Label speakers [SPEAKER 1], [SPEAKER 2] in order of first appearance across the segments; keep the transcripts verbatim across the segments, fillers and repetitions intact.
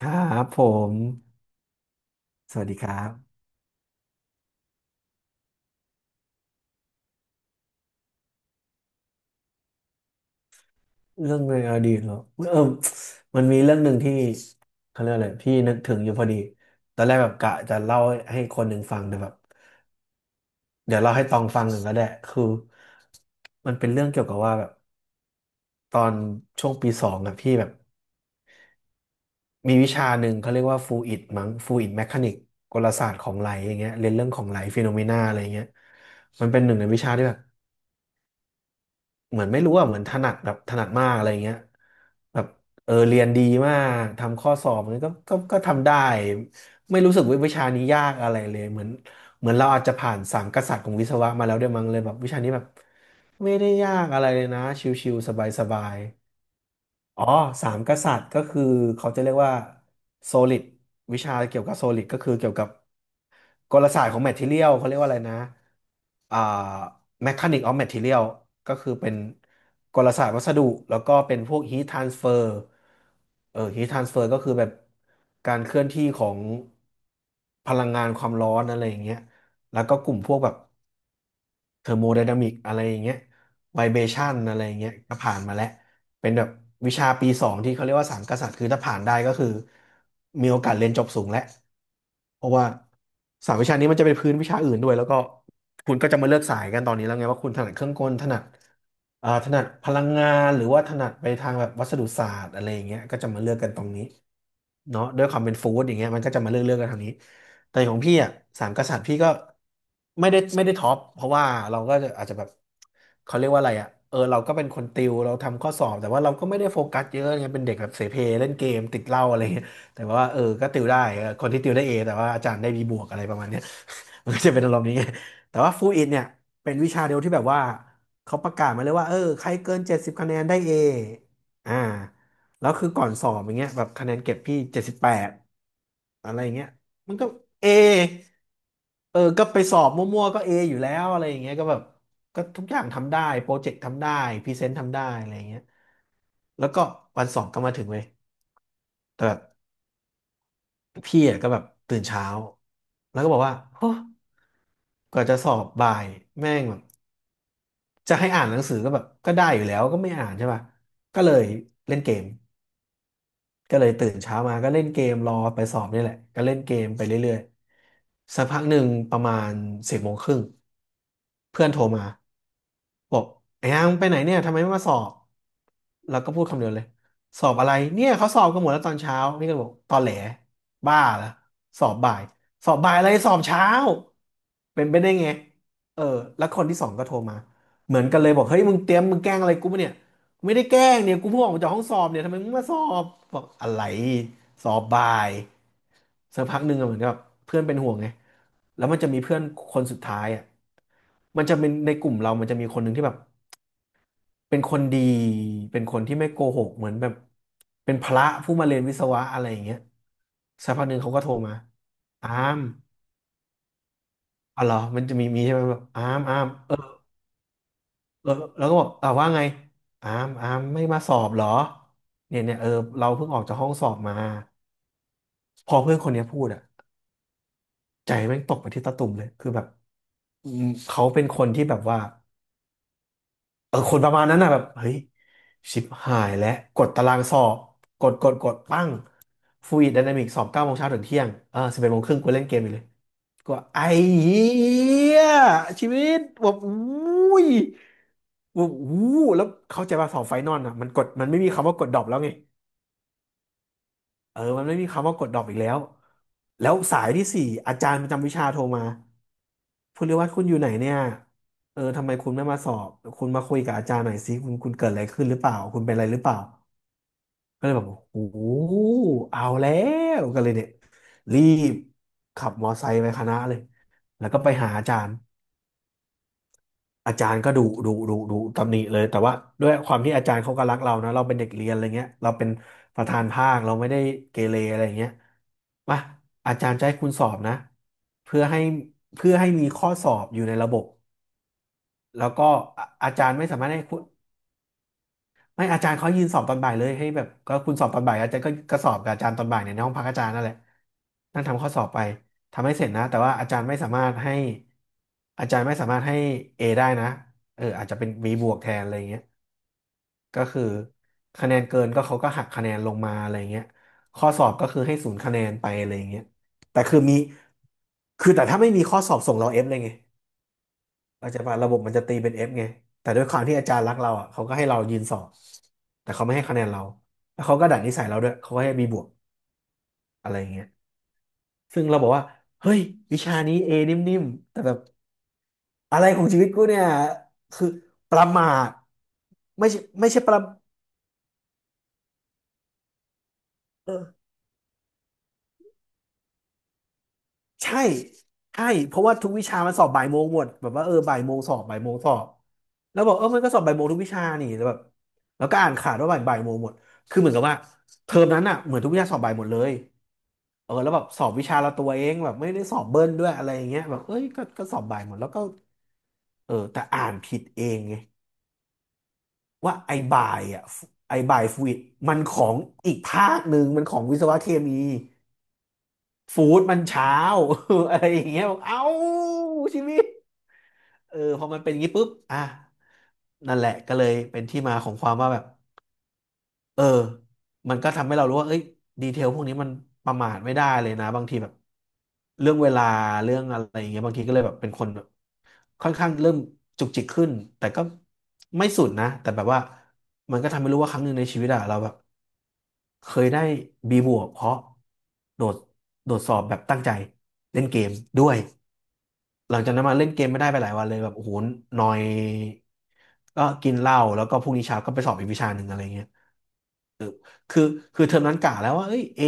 [SPEAKER 1] ครับผมสวัสดีครับเรื่องในอดีตเหรอเออมันมีเรื่องหนึ่งที่เขาเรียกอะไรพี่นึกถึงอยู่พอดีตอนแรกแบบกะจะเล่าให้คนหนึ่งฟังแต่แบบเดี๋ยวเล่าให้ตองฟังหนึ่งก็ได้คือมันเป็นเรื่องเกี่ยวกับว่าแบบตอนช่วงปีสองอะพี่แบบมีวิชาหนึ่งเขาเรียกว่าฟลูอิดมั้งฟลูอิดแมคานิกกลศาสตร์ของไหลอย่างเงี้ยเรียนเรื่องของไหลฟีโนเมนาอะไรอย่างเงี้ยมันเป็นหนึ่งในวิชาที่แบบ เหมือนไม่รู้อ่ะเหมือนถนัดแบบถนัดมากอะไรเงี้ยแบบเออเรียนดีมากทำข้อสอบมันก็ก็ก็ทำได้ไม่รู้สึกว่าวิชานี้ยากอะไรเลยเหมือนเหมือนเราอาจจะผ่านสามกษัตริย์ของวิศวะมาแล้วด้วยมั้งเลยแบบวิชานี้แบบไม่ได้ยากอะไรเลยนะชิวๆสบาย อ๋อสามกษัตริย์ก็คือเขาจะเรียกว่าโซลิดวิชาเกี่ยวกับโซลิดก็คือเกี่ยวกับกลศาสตร์ของแมท e เทียลเขาเรียกว่าอะไรนะอ่าแมคานิกออฟแมท e เ i ียลก็คือเป็นกลศาสตร์วัสดุแล้วก็เป็นพวกฮีททรานสเฟอร์เออฮีททรานสเฟอร์ก็คือแบบการเคลื่อนที่ของพลังงานความร้อนอะไรอย่างเงี้ยแล้วก็กลุ่มพวกแบบ เทอร์โมไดนามิกอะไรอย่างเงี้ยไวเบชันอะไรอย่างเงี้ยก็ผ่านมาแล้วเป็นแบบวิชาปีสองที่เขาเรียกว่าสามกษัตริย์คือถ้าผ่านได้ก็คือมีโอกาสเรียนจบสูงแล้วเพราะว่าสามวิชานี้มันจะเป็นพื้นวิชาอื่นด้วยแล้วก็คุณก็จะมาเลือกสายกันตอนนี้แล้วไงว่าคุณถนัดเครื่องกลถนัดเอ่อถนัดพลังงานหรือว่าถนัดไปทางแบบวัสดุศาสตร์อะไรอย่างเงี้ยก็จะมาเลือกกันตรงนี้เนาะด้วยความเป็นฟู้ดอย่างเงี้ยมันก็จะมาเลือกเลือกกันทางนี้ แต่ของพี่อ่ะสามกษัตริย์พี่ก็ไม่ได้ไม่ได้ท็อปเพราะว่าเราก็จะอาจจะแบบเขาเรียกว่าอะไรอ่ะเออเราก็เป็นคนติวเราทำข้อสอบแต่ว่าเราก็ไม่ได้โฟกัสเยอะไงเป็นเด็กแบบเสเพเล่นเกมติดเหล้าอะไรเงี้ยแต่ว่าเออก็ติวได้เออคนที่ติวได้เอแต่ว่าอาจารย์ได้บีบวกอะไรประมาณเนี้ย มันก็จะเป็นอารมณ์นี้ไงแต่ว่าฟูอิดเนี่ยเป็นวิชาเดียวที่แบบว่าเขาประกาศมาเลยว่าเออใครเกินเจ็ดสิบคะแนนได้เออ่าแล้วคือก่อนสอบอย่างเงี้ยแบบคะแนนเก็บพี่เจ็ดสิบแปดอะไรอย่างเงี้ย มันก็เอเออก็ไปสอบมั่วๆก็เออยู่แล้วอะไรอย่างเงี้ยก็แบบก็ทุกอย่างทำได้โปรเจกต์ทำได้พรีเซนต์ทำได้อะไรอย่างเงี้ยแล้วก็วันสองก็มาถึงเลยแต่แบบพี่อ่ะก็แบบตื่นเช้า แล้วก็บอกว่าโอ้กว่าจะสอบบ่ายแม่งแบบจะให้อ่านหนังสือก็แบบก็ได้อยู่แล้วก็ไม่อ่านใช่ป่ะก็เลยเล่นเกม ก็เลยตื่นเช้ามาก็เล่นเกมรอไปสอบนี่แหละก็เล่นเกมไปเรื่อยๆ สักพักหนึ่งประมาณสิบโมงครึ่งเพื่อนโทรมาบอกไอ้ยังไปไหนเนี่ยทำไมไม่มาสอบแล้วก็พูดคำเดียวเลยสอบอะไรเนี่ยเขาสอบกันหมดแล้วตอนเช้านี่ก็บอกตอนแหลบ้าละสอบบ่ายสอบบ่ายอะไรสอบเช้าเป็นไปได้ไงเออแล้วคนที่สองก็โทรมาเหมือนกันเลยบอกเฮ้ยมึงเตรียมมึงแกล้งอะไรกูปะเนี่ย ไม่ได้แกล้งเนี่ยกูเพิ่งออกมาจากห้องสอบเนี่ยทำไมมึงมาสอบบอกอะไรสอบบ่ายสักพักหนึ่งอะเหมือนกับเพื่อนเป็นห่วงไงแล้วมันจะมีเพื่อนคนสุดท้ายอ่ะมันจะเป็นในกลุ่มเรามันจะมีคนหนึ่งที่แบบเป็นคนดีเป็นคนที่ไม่โกหกเหมือนแบบเป็นพระผู้มาเรียนวิศวะอะไรอย่างเงี้ยสักพักหนึ่งเขาก็โทรมาอามอ๋อเหรอมันจะมีมีใช่ไหมแบบอามอามเออ แล้วแล้วก็บอกอ่าว่าไงอามอามไม่มาสอบเหรอเนี่ยเนี่ยเออเราเพิ่งออกจากห้องสอบมาพอเพื่อนคนเนี้ยพูดอ่ะใจแม่งตกไปที่ตะตุ่มเลยคือแบบอืมเขาเป็นคนที่แบบว่าเออคนประมาณนั้นน่ะแบบเฮ้ยชิบหายแล้วกดตารางสอบกดกดกดปั้งฟ l ูอิดไดนามิกสอบเก้าโมงเช้าถึงเที่ยงเออสิบเอ็ดโมงครึ่งกูเล่นเกมอยู่เลยก็ไอ้เหี้ยชีวิตแบบอุ้ย วูบวูบแล้วเข้าใจว่าเสาไฟนอนอ่ะมันกดมันไม่มีคำว่ากดดรอปแล้วไงเออมันไม่มีคำว่ากดดรอปอีกแล้วแล้วสายที่สี่อาจารย์ประจำวิชาโทรมาภุณิวัฒน์คุณอยู่ไหนเนี่ยเออทำไมคุณไม่มาสอบคุณมาคุยกับอาจารย์หน่อยสิคุณคุณเกิดอะไรขึ้นหรือเปล่าคุณเป็นอะไรหรือเปล่าก็เลยแบบโอ้โหเอาแล้วก็เลยเนี่ยรีบขับมอไซค์ไปคณะเลยแล้วก็ไปหาอาจารย์ อาจารย์ก็ดุดุดุดุตำหนิเลยแต่ว่าด้วยความที่อาจารย์เขาก็รักเรานะเราเป็นเด็กเรียนอะไรเงี้ยเราเป็นประธานภาคเราไม่ได้เกเรอะไรเงี้ยมาอาจารย์จะให้คุณสอบนะเพื่อให้เพื่อให้มีข้อสอบอยู่ในระบบแล้วก็อาอาจารย์ไม่สามารถให้คุณ ไม่อาจารย์เขายืนสอบตอนบ่ายเลยให้แบบก็คุณสอบตอนบ่ายอาจารย์ก็ก็สอบกับอาจารย์ตอนบ่ายเนี่ยในห้องพักอาจารย์นั่นแหละนั่งทำข้อสอบไปทำให้เสร็จนะแต่ว่าอาจารย์ไม่สามารถให้อาจารย์ไม่สามารถให้เอได้นะเอออาจจะเป็น บี บวกแทนอะไรอย่างเงี้ยก็คือคะแนนเกินก็เขาก็หักคะแนนลงมาอะไรอย่างเงี้ยข้อสอบก็คือให้ศูนย์คะแนนไปอะไรอย่างเงี้ยแต่คือมีคือแต่ถ้าไม่มีข้อสอบส่งเราเอฟเลยไง เราจจะว่าระบบมันจะตีเป็นเอฟไงแต่ด้วยความที่อาจารย์รักเราอ่ะเขาก็ให้เรายืนสอบแต่เขาไม่ให้คะแนนเราแล้วเขาก็ดัดนิสัยเราด้วยเขาก็ให้มีบวกอะไรอย่างเงี้ยซึ่งเราบอกว่าเฮ้ยวิชานี้เอนิ่มๆแต่แบบอะไรของชีวิตกูเนี่ยคือประมาทไม่ใช่ไม่ใช่ประเออ ใช่ใช่เพราะว่าทุกวิชามันสอบบ่ายโมงหมด แบบว่าเออบ่ายโมงสอบบ่ายโมงสอบแล้วบอกเออมันก็สอบบ่ายโมงทุกวิชานี่ แล้วแบบแล้วก็อ่านขาดว่าบ่ายบ่ายโมงหมด คือเหมือนกับว่าเทอมนั้นอ่ะเหมือนทุกวิชาสอบบ่ายหมดเลยเออแล้วแบบสอบวิชาละตัวเองแบบไม่ได้สอบเบิ้ลด้วยอะไรอย่างเงี้ยแบบเอ้ยก็ก็สอบบ่ายหมดแล้วก็เออแต่อ่านผิดเองไงว่าไอ้บ่ายอ่ะไอ้บ่ายฟูดมันของอีกภาคหนึ่งมันของวิศวะเคมีฟู้ดมันเช้า อะไรอย่างเงี้ยบอกเอ้าชีวิต เออพอมันเป็นอย่างนี้ปุ๊บอ่ะนั่นแหละก็เลยเป็นที่มาของความว่าแบบเออมันก็ทำให้เรารู้ว่าเอ้ยดีเทลพวกนี้มันประมาทไม่ได้เลยนะบางทีแบบเรื่องเวลาเรื่องอะไรอย่างเงี้ยบางทีก็เลยแบบเป็นคนแบบค่อนข้างเริ่มจุกจิกขึ้นแต่ก็ไม่สุดนะแต่แบบว่ามันก็ทำให้รู้ว่าครั้งหนึ่งในชีวิตอะเราแบบเคยได้บี บวกเพราะโดดโดดสอบแบบตั้งใจเล่นเกมด้วย หลังจากนั้นมาเล่นเกมไม่ได้ไปหลายวันเลยแบบโอ้โหนอยก็กินเหล้าแล้วก็พรุ่งนี้เช้าก็ไปสอบอีกวิชาหนึ่งอะไรเงี้ยคือคือเทอมนั้นกะแล้วว่าเอ้ยเอ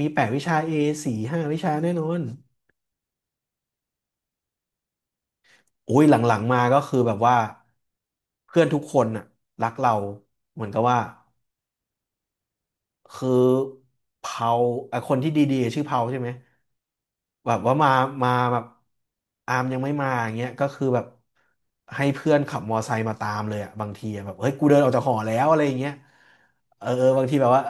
[SPEAKER 1] มีแปดวิชาเอสี่ห้าวิชาแน่นอนโอ้ยหลังๆมาก็คือแบบว่าเพื่อนทุกคนน่ะรักเราเหมือนกับว่า คือเผาไอ้คนที่ดีๆชื่อเผาใช่ไหมแบบว่ามามาแบบอามยังไม่มาอย่างเงี้ยก็คือแบบให้เพื่อนขับมอไซค์มาตามเลยอะบางทีอะแบบเฮ้ยกูเดินออกจากหอแล้วอะไรอย่างเงี้ยเออเออบางทีแบบว่า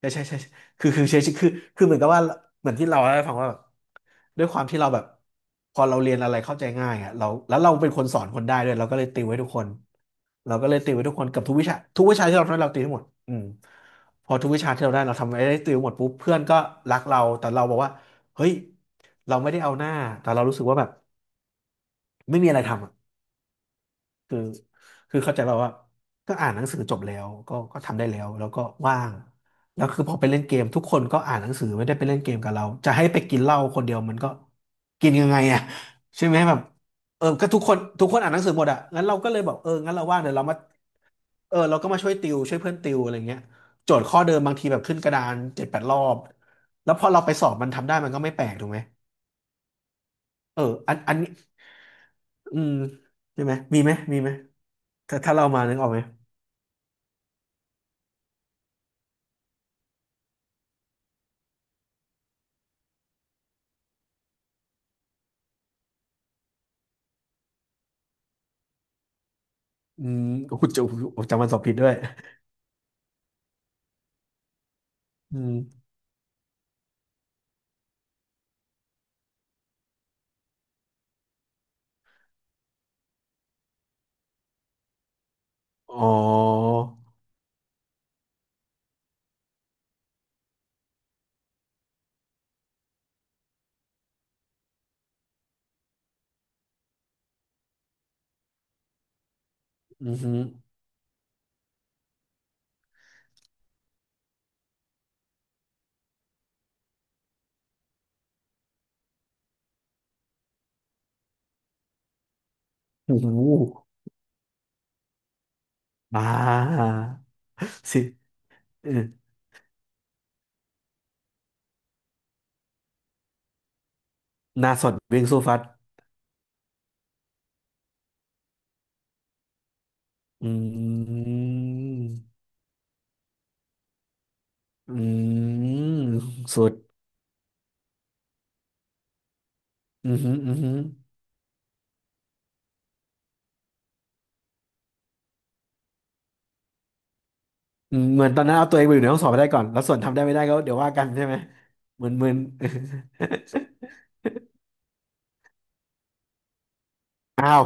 [SPEAKER 1] ใช่ใช่ใช่คือคือใช่คือคือเหมือนกับว่าเหมือนที่เราเล่าให้ฟังว่าแบบด้วยความที่เราแบบพอเราเรียนอะไรเข้าใจง่ายอ่ะเราแล้วเราเป็นคนสอนคนได้ด้วยเราก็เลยติวให้ทุกคนเราก็เลยติวให้ทุกคนกับทุกวิชาทุกวิชาที่เราทำเราติวให้หมดอืมพอทุกวิชาที่เราได้เราทำไอ้ได้ติวหมดปุ๊บเพื่อนก็รักเราแต่เราบอกว่าเฮ้ยเราไม่ได้เอาหน้าแต่เรารู้สึกว่าแบบไม่มีอะไรทำอะ คือคือเข้าใจแบบว่าก็อ่านหนังสือจบแล้วก็ก็ทำได้แล้วแล้วก็ว่างแล้วคือพอไปเล่นเกมทุกคนก็อ่านหนังสือไม่ได้ไปเล่นเกมกับเราจะให้ไปกินเหล้าคนเดียวมันก็กินยังไงอ่ะใช่ไหมแบบเออก็ทุกคนทุกคนอ่านหนังสือหมดอ่ะงั้นเราก็เลยบอกเอองั้นเราว่างเดี๋ยวเรามาเออเราก็มาช่วยติวช่วยเพื่อนติวอะไรเงี้ยโจทย์ข้อเดิมบางทีแบบขึ้นกระดานเจ็ดแปดรอบแล้วพอเราไปสอบมันทำได้มันก็ไม่แปลกถูกไหมเอออันอันนี้อืมใช่ไหมมีไหมมีไหมถ้าถ้าเรามานึกออกไหม อืม โอ้โหจำจำวันสอบผิดด้วยอืมอ๋ออืมฮึโอ้โหบ้าสิเออหน้าสดวิ่งสู้ฟัดอืมอืมสุดอืมฮึอืมฮึอืมเหมือนตอนนั้นเอาตัวเองไปอยู่ในห้องสอบไปได้ก่อนแล้วส่วนทำได้ไม่ได้ก็เดี๋ยวว่ากันใช่ไหมเหมือนเหมือน อ้าว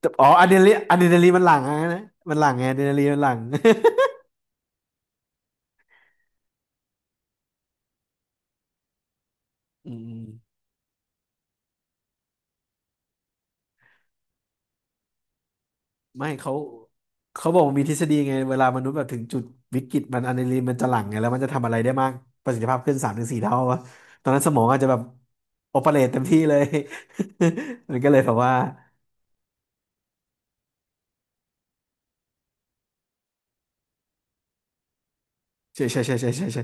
[SPEAKER 1] แต่อ๋ออะดรีนาลีนอะดรีนาลีนมันหลั่งอะนะมันหลั่งไงอะดรีนาลีนมันหลั่ง อืม ไม่เขาเขาบอกว่ามีทฤษฎีไงเวลามนุษย์แบบถึงจุดวิกฤตมันอะดรีนาลีนมันจะหลั่งไงแล้วมันจะทำอะไรได้มากประสิทธิภาพขึ้นสามถึงสี่เท่าวะตอนนั้นสมองอาจจะแบบโอเปเรตเต็มที่เลย มันก็เลยแบบว่าใช่ใช่ใช่ใช่ใช่ใช่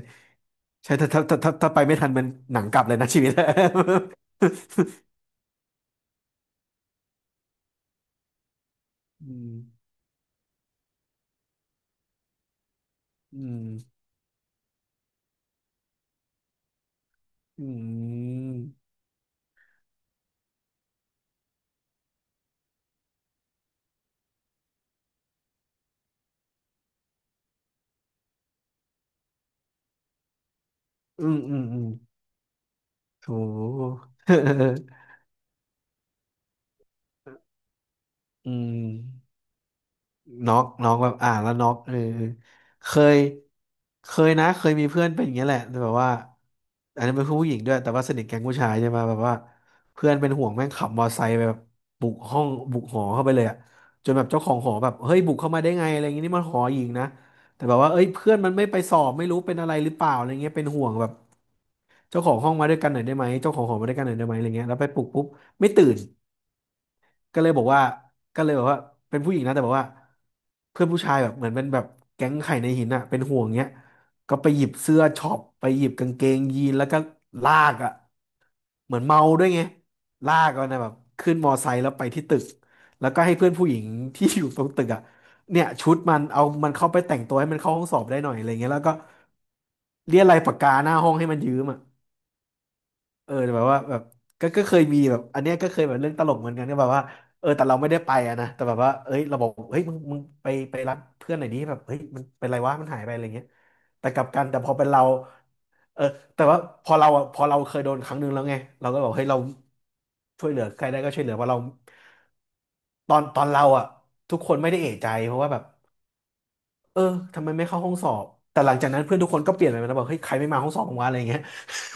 [SPEAKER 1] ใช่ถ้าถ้าถ้าถ้าถ้าไปไม่ทันมันหนังกลับเลยนะ ชีวิต อืมอืมอืมอืมอืมอืมโถ อืม น็อกน็อกแบบอ่านแล้วน็อกเออเคยเคยนะเคยมีเพื่อนเป็นอย่างเงี้ยแหละแต่แบบว่าอันนี้เป็นผู้หญิงด้วยแต่ว่าสนิทแก๊งผู้ชายใช่ไหมแบบว่าเพื่อนเป็นห่วงแม่งขับมอไซค์ไปแบบบุกห้องบุกหอเข้าไปเลยอะจนแบบเจ้าของหอแบบเฮ้ยบุกเข้ามาได้ไงอะไรอย่างงี้นี่มันหอหญิงนะแต่แบบว่าเอ้ยเพื่อนมันไม่ไปสอบไม่รู้เป็นอะไรหรือเปล่าอะไรเงี้ยเป็นห่วงแบบเจ้าของห้องมาด้วยกันหน่อยได้ไหมเจ้าของหอมาด้วยกันหน่อยได้ไหมอะไรเงี้ยแล้วไปปลุกปุ๊บไม่ตื่น ก็เลยบอกว่าก็เลยบอกว่าเป็นผู้หญิงนะแต่บอกว่าเพื่อนผู้ชายแบบเหมือนเป็นแบบแก๊งไข่ในหินอะเป็นห่วงเงี้ยก็ไปหยิบเสื้อช็อปไปหยิบกางเกงยีนแล้วก็ลากอะเหมือนเมาด้วยไงลากกันนะแบบขึ้นมอไซค์แล้วไปที่ตึกแล้วก็ให้เพื่อนผู้หญิงที่อยู่ตรงตึกอะเนี่ยชุดมันเอามันเข้าไปแต่งตัวให้มันเข้าห้องสอบได้หน่อยอะไรเงี้ยแล้วก็เรียกอะไรปากกาหน้าห้องให้มันยืมอะ เออแต่แบบว่าแบบก็ก็เคยมีแบบอันเนี้ยก็เคยแบบเรื่องตลกเหมือนกันก็แบบว่าเออแต่เราไม่ได้ไปอะนะแต่แบบว่าเอ้ยเราบอกเฮ้ยมึงมึงไปไปรับเพื่อนหน่อยนี้แบบเฮ้ยมันเป็นไรวะมันหายไปอะไรเงี้ยแต่กลับกันแต่พอเป็นเราเออแต่ว่าพอเราอะพอเราเคยโดนครั้งหนึ่งแล้วไงเราก็บอกเฮ้ยเราช่วยเหลือใครได้ก็ช่วยเหลือว่าะเราตอนตอนเราอ่ะทุกคนไม่ได้เอะใจเพราะว่าแบบ เออทำไมไม่เข้าห้องสอบแต่หลังจากนั้นเพื่อนทุกคนก็เปลี่ยนไปแล้วบอกเฮ้ยใครไม่มาห้องสอบของว่าอะไรอย่างเงี้ย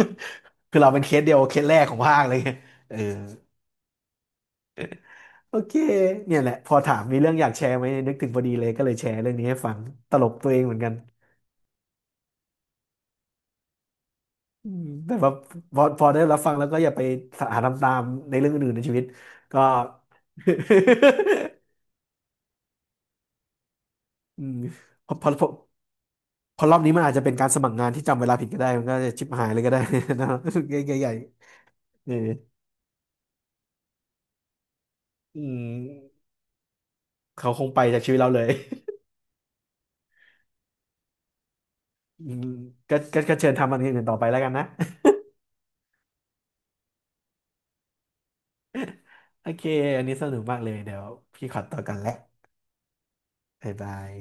[SPEAKER 1] คือเราเป็นเคสเดียวเคสแรกของภาคเลยเออโอเคเนี่ยแหละพอถามมีเรื่องอยากแชร์ไหมนึกถึงพอดีเลยก็เลยแชร์เรื่องนี้ให้ฟังตลกตัวเองเหมือนกันอืมแต่ว่าพอพอได้รับฟังแล้วก็อย่าไปหาทำตามในเรื่องอื่นในชีวิตก็ อืมพอพอพอพอรอบนี้มันอาจจะเป็นการสมัครงานที่จำเวลาผิดก็ได้มันก็จะชิบหายเลยก็ได้นะ ใหญ่ใหญ่ๆเอออืม เขาคงไปจากชีวิตเราเลย อืมก็ก็ก็เชิญทำอันอื่นต่อไปแล้วกันนะ โอเค อันนี้สนุกมากเลย เดี๋ยวพี่ขอตัวกันแหละบ๊ายบาย